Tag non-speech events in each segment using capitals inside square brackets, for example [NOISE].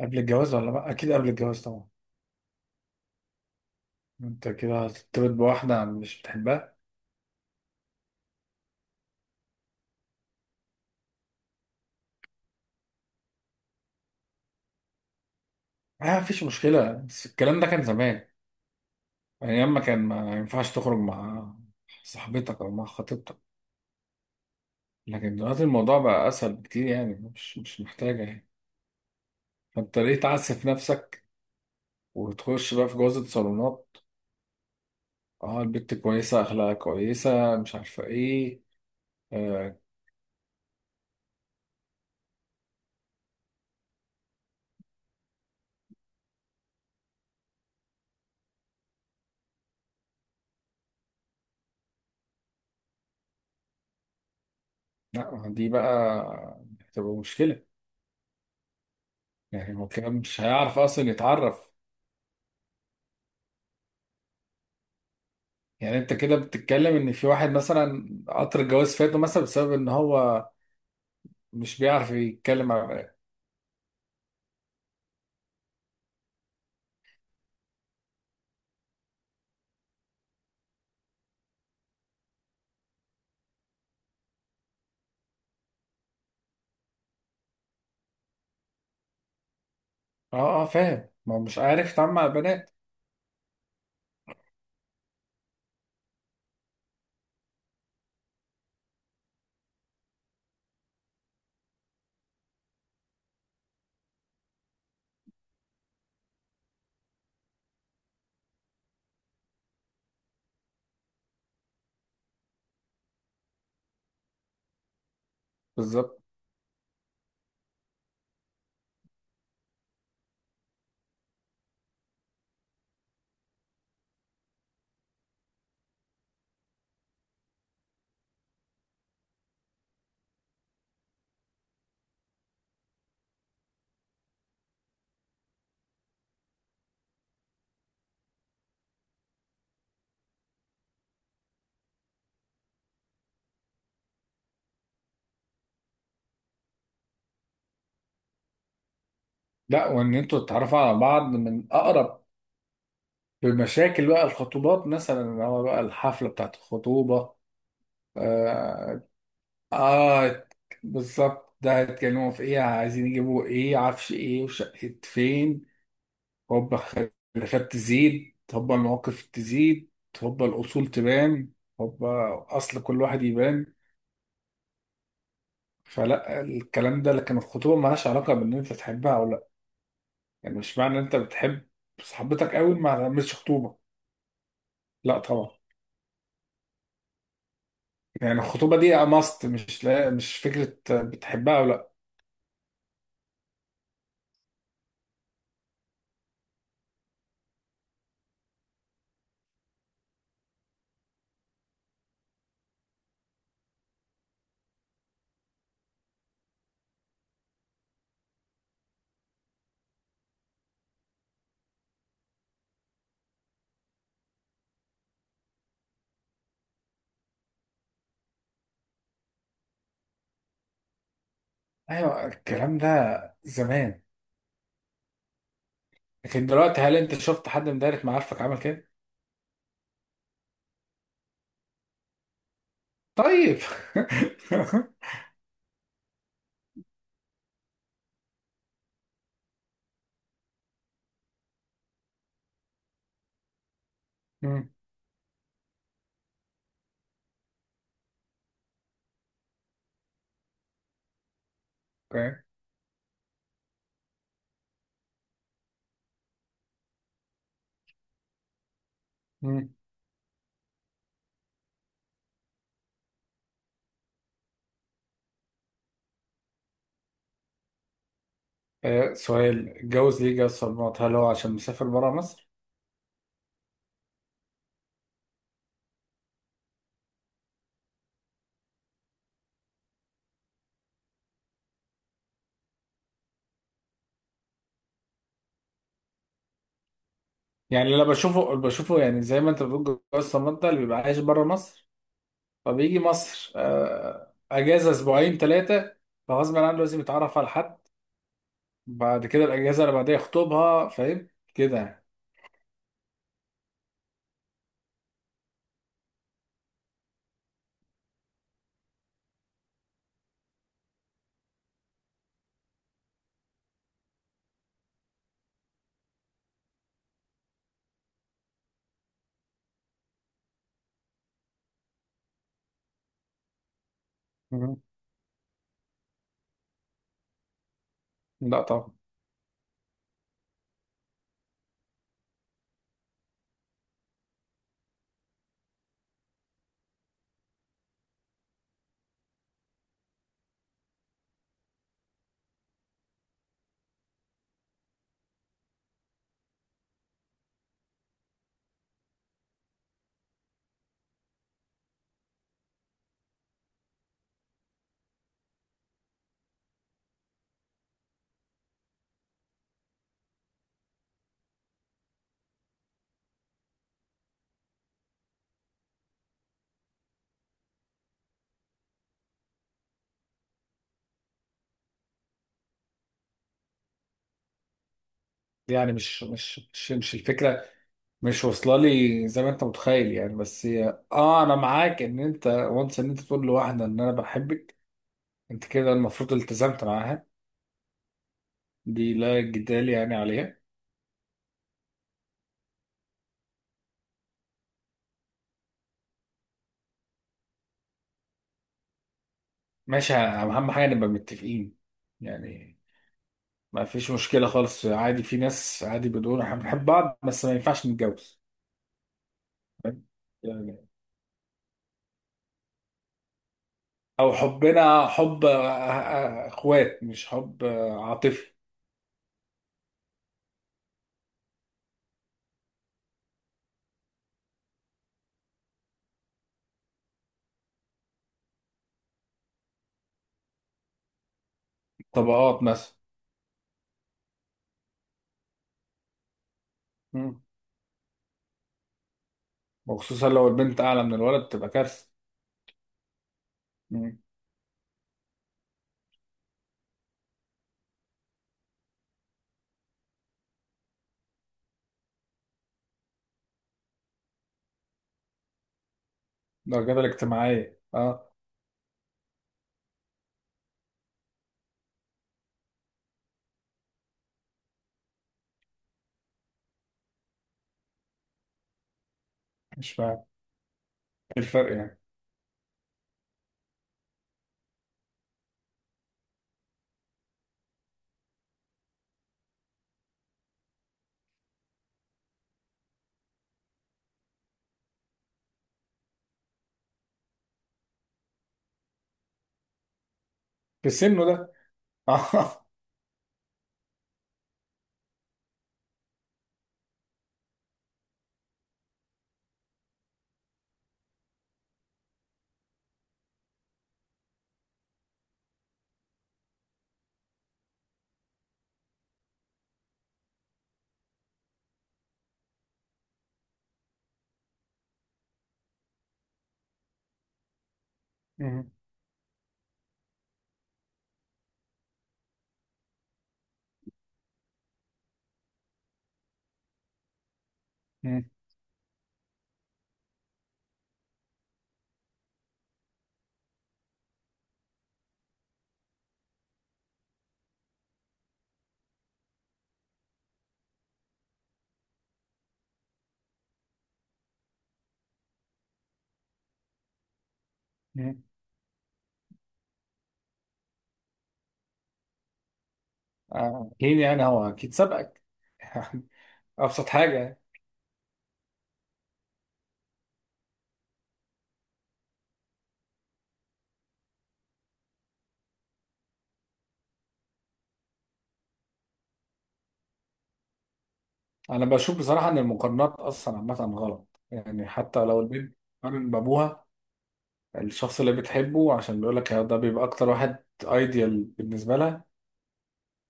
قبل الجواز، ولا لا، اكيد قبل الجواز طبعا. انت كده هترتبط بواحده مش بتحبها. ما فيش مشكله، بس الكلام ده كان زمان. ايام ما كان ما ينفعش تخرج مع صاحبتك او مع خطيبتك. لكن دلوقتي الموضوع بقى اسهل بكتير، يعني مش محتاجه يعني. فانت ليه تعسف نفسك وتخش بقى في جوازة صالونات؟ اه، البت كويسة، اخلاقها كويسة، مش عارفة ايه. آه، لا، دي بقى هتبقى مشكلة. يعني هو كده مش هيعرف اصلا يتعرف. يعني انت كده بتتكلم ان في واحد مثلا قطر الجواز فاته مثلا بسبب ان هو مش بيعرف يتكلم مع بنات. اه، اه، فاهم، ما هو مش عارف يتعامل مع البنات. بالظبط. لا، وان انتوا تتعرفوا على بعض من اقرب بمشاكل بقى الخطوبات، مثلا اللي هو بقى الحفلة بتاعت الخطوبة. آه، آه، بالظبط، ده هيتكلموا في إيه، عايزين يجيبوا إيه، عفش إيه، وشقة فين. هوبا الخلافات تزيد، هوبا المواقف تزيد، هوبا الأصول تبان، هوبا أصل كل واحد يبان. فلا الكلام ده، لكن الخطوبة مالهاش علاقة بإن أنت تحبها أو لأ. يعني مش معنى إن أنت بتحب صاحبتك قوي ما تعملش خطوبة. لأ طبعا. يعني الخطوبة دي ماست، مش، لا، مش فكرة بتحبها أو لأ. أيوة، الكلام ده زمان. لكن دلوقتي هل انت شفت حد من دايرة معارفك عمل كده؟ طيب. [LAUGHS] مم. اوكي. مم. آه، سؤال، اتجوز ليه جواز صالونات؟ هل هو عشان مسافر بره مصر؟ يعني اللي بشوفه بشوفه، يعني زي ما انت بتقول جواز صالونات ده اللي بيبقى عايش بره مصر. فبيجي مصر اجازة اسبوعين ثلاثة. فغصب عنه لازم يتعرف على حد. بعد كده الاجازة اللي بعدها يخطبها، فاهم؟ كده يعني. مم. لا طبعا. يعني مش الفكرة، مش واصله لي زي ما انت متخيل يعني. بس هي انا معاك ان انت وانس ان انت تقول لواحده ان انا بحبك. انت كده المفروض التزمت معاها، دي لا جدال يعني عليها. ماشي، اهم حاجه نبقى متفقين يعني. ما فيش مشكله خالص، عادي في ناس عادي بتقول احنا بنحب بعض بس ما ينفعش نتجوز، فاهم؟ يعني، او حبنا حب اخوات، مش حب عاطفي. طبقات مثلا. مم. وخصوصا لو البنت اعلى من الولد تبقى كارثه. الدرجات الاجتماعية، اه. مش فاهم، ايه الفرق يعني؟ في سنه ده. [LAUGHS] اه. مم. مم. مم. اكيد، يعني هو اكيد سبقك، يعني ابسط حاجة يعني. انا بشوف بصراحة ان المقارنات اصلا عامة غلط، يعني حتى لو البنت قارن بابوها الشخص اللي بتحبه عشان بيقول لك ده بيبقى اكتر واحد ايديال بالنسبة لها،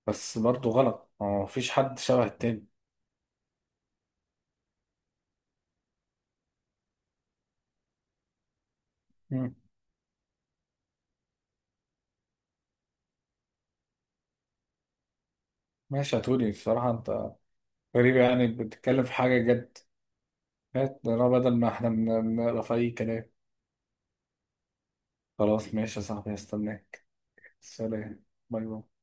بس برضه غلط، ما فيش حد شبه التاني. مم. ماشي يا توني، بصراحة انت غريب، يعني بتتكلم في حاجة جد مات انا بدل ما احنا بنقرا في اي كلام. خلاص ماشي يا صاحبي، هستناك. سلام. باي باي.